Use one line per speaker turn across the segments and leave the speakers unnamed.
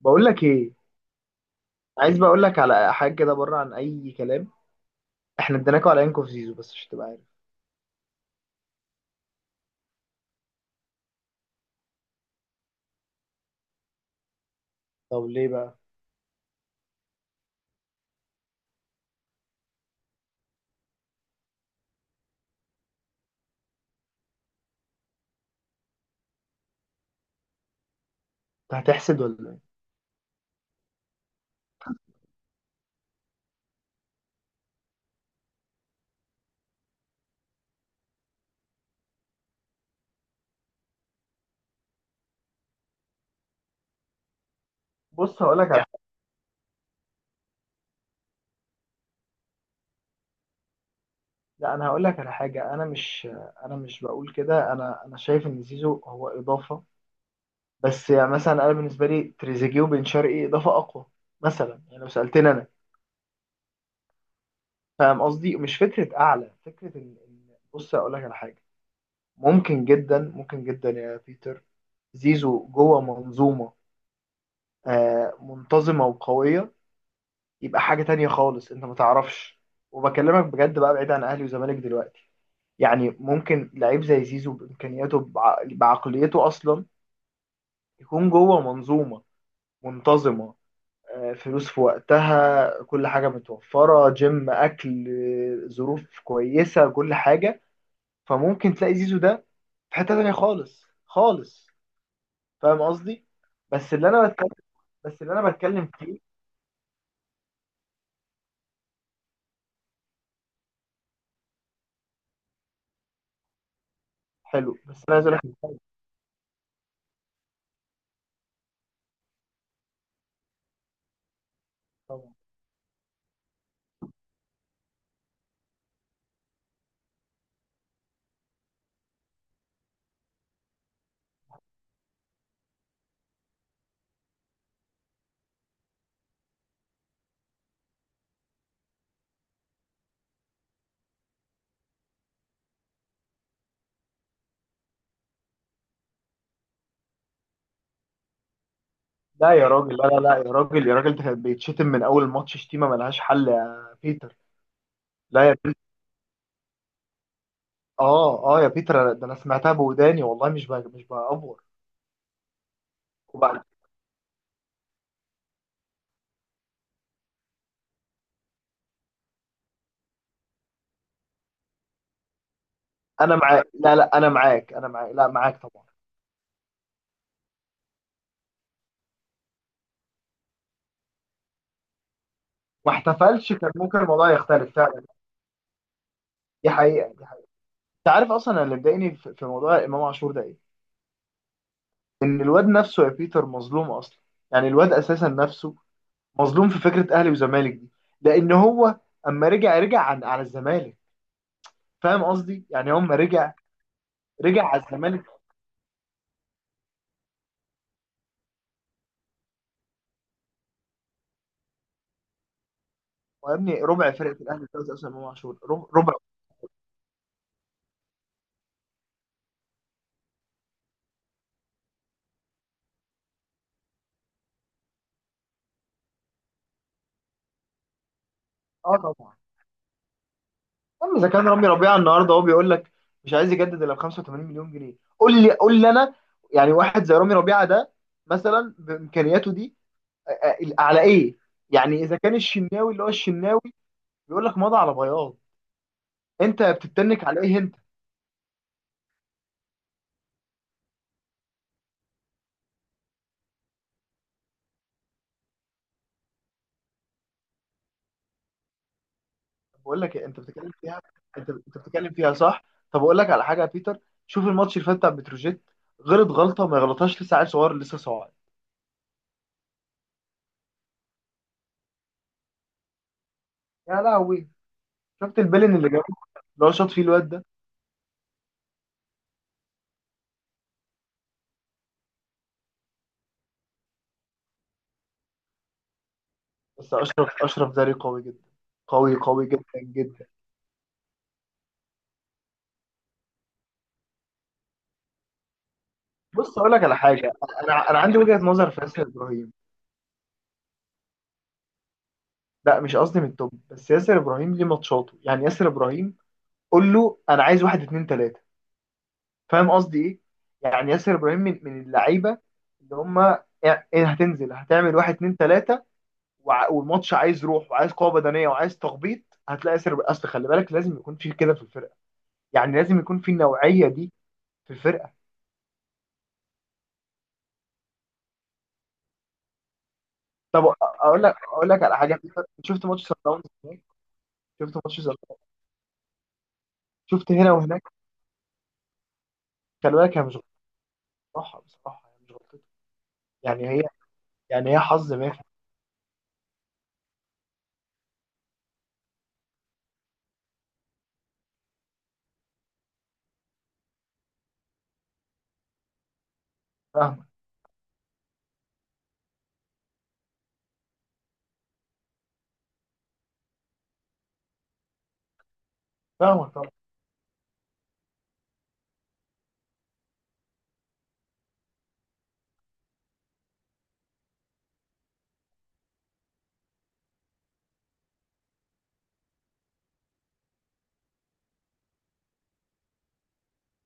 بقول لك ايه. عايز بقول لك على حاجه كده بره عن اي كلام. احنا اديناكوا على انكو في زيزو بس عشان تبقى عارف. طب ليه بقى؟ انت هتحسد ولا ايه؟ بص هقول لك على حاجه. لا، انا هقول لك على حاجه. انا مش بقول كده. انا شايف ان زيزو هو اضافه. بس يعني مثلا انا بالنسبه لي تريزيجيه وبن شرقي اضافه اقوى، مثلا يعني لو سالتني انا. فاهم قصدي؟ مش فكره اعلى، فكره ان بص هقول لك على حاجه. ممكن جدا، ممكن جدا يا بيتر، زيزو جوه منظومه، منتظمه وقويه، يبقى حاجة تانية خالص انت ما تعرفش. وبكلمك بجد بقى بعيد عن اهلي وزمالك دلوقتي. يعني ممكن لعيب زي زيزو بامكانياته بعقليته اصلا يكون جوه منظومة منتظمة، فلوس في وقتها، كل حاجة متوفرة، جيم، اكل، ظروف كويسة، كل حاجة. فممكن تلاقي زيزو ده في حتة تانية خالص خالص. فاهم قصدي؟ بس اللي انا بتكلم بس اللي انا بتكلم فيه. حلو بس انا عايز اقول لك. لا يا راجل، لا لا لا يا راجل، يا راجل ده كان بيتشتم من اول ماتش شتيمه ملهاش حل يا بيتر. لا يا بيتر، اه اه يا بيتر، ده انا سمعتها بوداني والله، مش بقى مش بأفور. وبعد. انا معاك، لا لا انا معاك، لا معاك طبعا. ما احتفلش، كان ممكن الموضوع يختلف فعلا. دي حقيقه، دي حقيقه. انت عارف اصلا، أنا اللي مضايقني في موضوع امام عاشور ده ايه؟ ان الواد نفسه يا بيتر مظلوم اصلا. يعني الواد اساسا نفسه مظلوم في فكره اهلي وزمالك دي. لان هو اما رجع عن على الزمالك، فاهم قصدي؟ يعني هم رجع، رجع على الزمالك. وابني ربع فرقه الاهلي دلوقتي اصلا امام عاشور ربع. اه طبعا. اما اذا كان رامي ربيعه النهارده هو بيقول لك مش عايز يجدد الا ب 85 مليون جنيه، قول لي، قول لي انا. يعني واحد زي رامي ربيعه ده، مثلا بامكانياته دي، على ايه؟ يعني اذا كان الشناوي اللي هو الشناوي بيقول لك مضى على بياض، انت بتتنك على ايه انت؟ بقول لك انت بتتكلم فيها. انت بتتكلم فيها صح؟ طب اقول لك على حاجه يا بيتر، شوف الماتش اللي فات بتاع بتروجيت. غلط، غلطه ما يغلطهاش، لسه عيل صغير لسه صاعد. يا لهوي، شفت البلن اللي جابه، اللي هو شاط فيه الواد ده. بس اشرف، اشرف زاري قوي جدا، قوي قوي جدا جدا. بص اقول لك على حاجه، انا عندي وجهه نظر في ياسر ابراهيم. لا مش قصدي من التوب، بس ياسر ابراهيم ليه ماتشاته؟ يعني ياسر ابراهيم قول له انا عايز واحد اتنين تلاته. فاهم قصدي ايه؟ يعني ياسر ابراهيم من اللعيبه اللي هم ايه، هتنزل هتعمل واحد اتنين تلاته، والماتش عايز روح، وعايز قوه بدنيه، وعايز تخبيط. هتلاقي ياسر، اصل خلي بالك لازم يكون في كده في الفرقه. يعني لازم يكون في النوعيه دي في الفرقه. طب اقول لك على حاجه. شفت ماتش سان داونز هناك؟ شفت ماتش سان داونز، شفت هنا وهناك. خلي بالك هي مش غلطتها بصراحه هي مش غلطتها. يعني هي، يعني هي حظ مافي. فاهمه، فاهمه طبعا،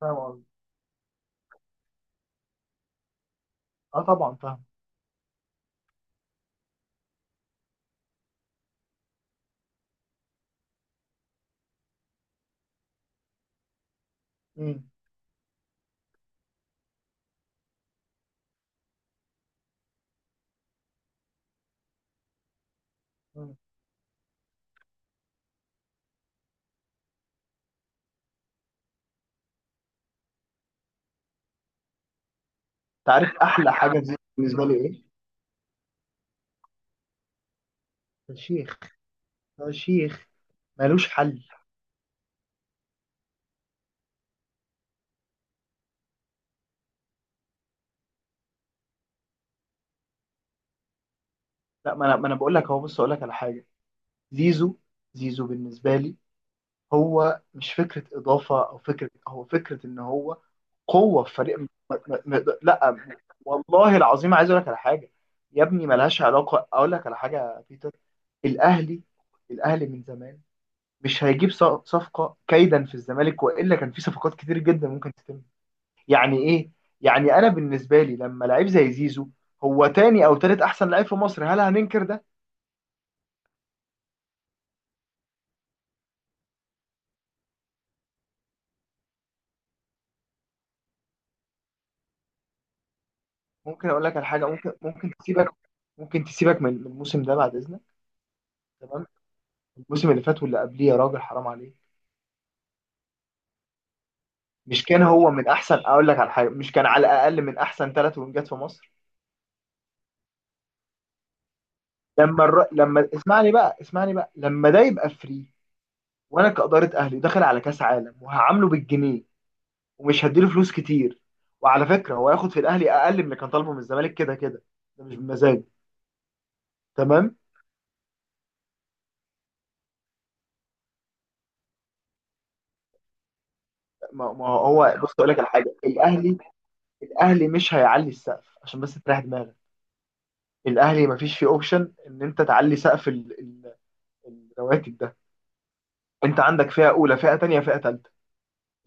فاهمه قصدي. اه طبعا فاهمه. امم أمم. انت عارف احلى حاجه دي بالنسبه لي ايه؟ يا شيخ، يا شيخ ملوش حل. لا ما انا بقول لك اهو، بص اقول لك على حاجه. زيزو، زيزو بالنسبه لي هو مش فكره اضافه او فكره، هو فكره ان هو قوه في فريق لا. والله العظيم عايز اقول لك على حاجه يا ابني، ملهاش علاقه. اقول لك على حاجه يا بيتر، الاهلي، الاهلي من زمان مش هيجيب صفقه كيدا في الزمالك، والا كان في صفقات كتير جدا ممكن تتم. يعني ايه؟ يعني انا بالنسبه لي، لما لعيب زي زيزو هو تاني او تالت احسن لعيب في مصر، هل هننكر ده؟ ممكن اقول لك على حاجه، ممكن تسيبك، ممكن تسيبك من الموسم ده بعد اذنك. تمام. الموسم اللي فات واللي قبليه، يا راجل حرام عليك. مش كان هو من احسن، اقول لك على حاجه، مش كان على الاقل من احسن ثلاث وينجات في مصر؟ لما اسمعني بقى، اسمعني بقى، لما ده يبقى فري وانا كاداره اهلي داخل على كاس عالم وهعامله بالجنيه ومش هديله فلوس كتير. وعلى فكره هو هياخد في الاهلي اقل من اللي كان طالبه من الزمالك كده كده. ده مش بمزاج. تمام. ما هو بص اقول لك على حاجه، الاهلي، الاهلي مش هيعلي السقف عشان بس تريح دماغك. الاهلي مفيش فيه اوبشن ان انت تعلي سقف الرواتب ده. انت عندك فئه اولى، فئه تانية، فئه تالتة.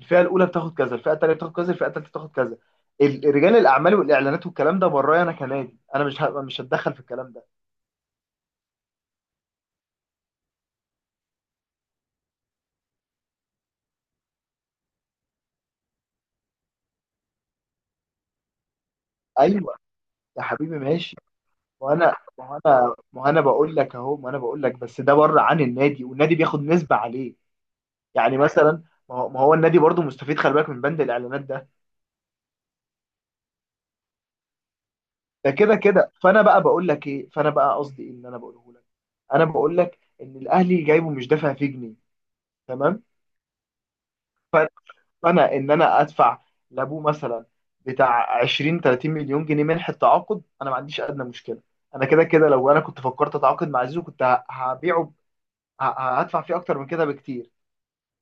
الفئه الاولى بتاخد كذا، الفئه الثانيه بتاخد كذا، الفئه الثالثه بتاخد كذا. رجال الاعمال والاعلانات والكلام ده، برايا انا كنادي، انا مش هتدخل في الكلام ده. ايوه. يا حبيبي ماشي. وانا ما انا ما انا بقول لك اهو، ما انا بقول لك بس ده بره عن النادي، والنادي بياخد نسبه عليه. يعني مثلا، ما هو النادي برضو مستفيد، خلي بالك، من بند الاعلانات ده. ده كده كده، فانا بقى بقول لك ايه، فانا بقى قصدي ايه اللي انا بقوله لك؟ انا بقول لك ان الاهلي جايبه مش دافع فيه جنيه. تمام. انا ادفع لابوه مثلا بتاع 20 30 مليون جنيه منح التعاقد، انا ما عنديش ادنى مشكله. انا كده كده لو انا كنت فكرت اتعاقد مع زيزو، كنت هبيعه هدفع فيه اكتر من كده بكتير.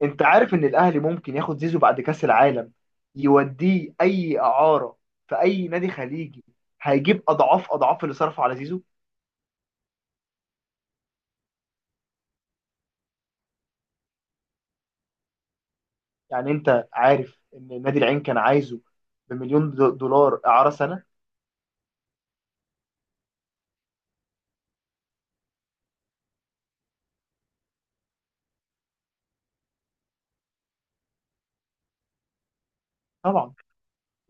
انت عارف ان الاهلي ممكن ياخد زيزو بعد كاس العالم، يوديه اي اعاره في اي نادي خليجي، هيجيب اضعاف اضعاف اللي صرفه على زيزو. يعني انت عارف ان نادي العين كان عايزه بمليون دولار اعاره سنه. طبعا،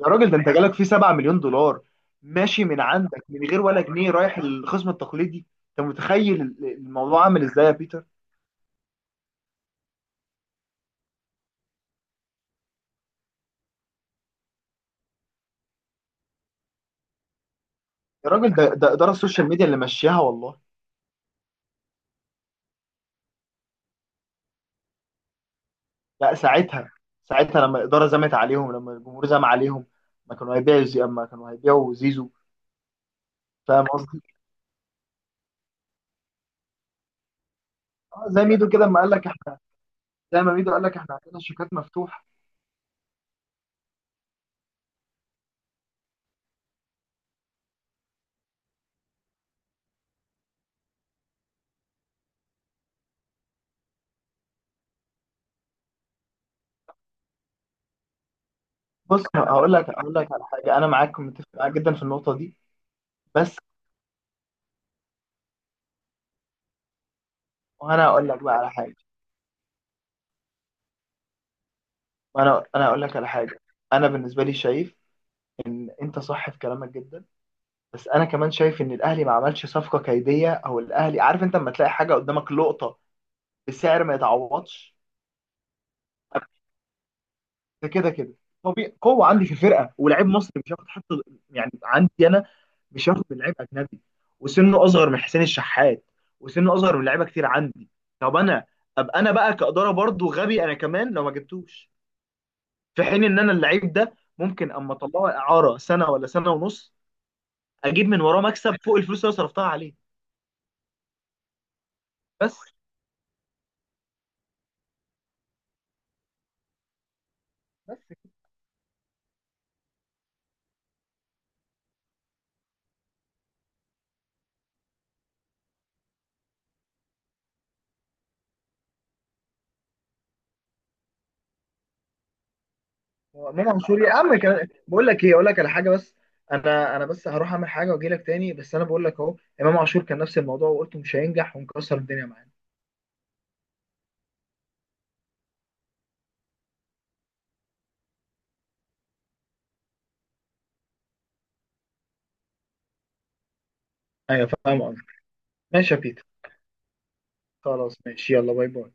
يا راجل ده انت جالك فيه 7 مليون دولار ماشي من عندك من غير ولا جنيه، رايح الخصم التقليدي. انت متخيل الموضوع عامل ازاي يا بيتر؟ يا راجل ده ده اداره السوشيال ميديا اللي ماشياها والله. لا ساعتها، ساعتها لما الاداره زمت عليهم، لما الجمهور زم عليهم، ما كانوا هيبيعوا، زي ما كانوا هيبيعوا زيزو. فاهم قصدي. اه زي ميدو كده لما قال لك احنا، زي ما ميدو قال لك احنا عندنا شيكات مفتوحه. بص هقول لك هقول لك على حاجه، انا معاك، متفق معاك جدا في النقطه دي. بس وانا هقول لك بقى على حاجه. انا اقول لك على حاجه. انا بالنسبه لي شايف ان انت صح في كلامك جدا، بس انا كمان شايف ان الاهلي ما عملش صفقه كيديه. او الاهلي عارف انت لما تلاقي حاجه قدامك لقطه بسعر ما يتعوضش، ده كده كده طبيعي، قوه عندي في الفرقه، ولاعيب مصري مش هياخد حتى، يعني عندي انا، مش هياخد من لعيب اجنبي، وسنه اصغر من حسين الشحات، وسنه اصغر من لعيبه كتير عندي. طب انا ابقى انا بقى كاداره برضو غبي انا كمان لو ما جبتوش، في حين ان انا اللعيب ده ممكن اما اطلعه اعاره سنه ولا سنه ونص، اجيب من وراه مكسب فوق الفلوس اللي أنا صرفتها عليه. بس بس هو امام عاشور يا عم بقول لك ايه، اقول لك على حاجه بس. انا بس هروح اعمل حاجه واجي لك تاني، بس انا بقول لك اهو، امام عاشور كان نفس الموضوع وقلت مش هينجح، ومكسر الدنيا معانا. ايوه فاهم قصدك. ماشي يا بيتر، خلاص ماشي، يلا باي باي.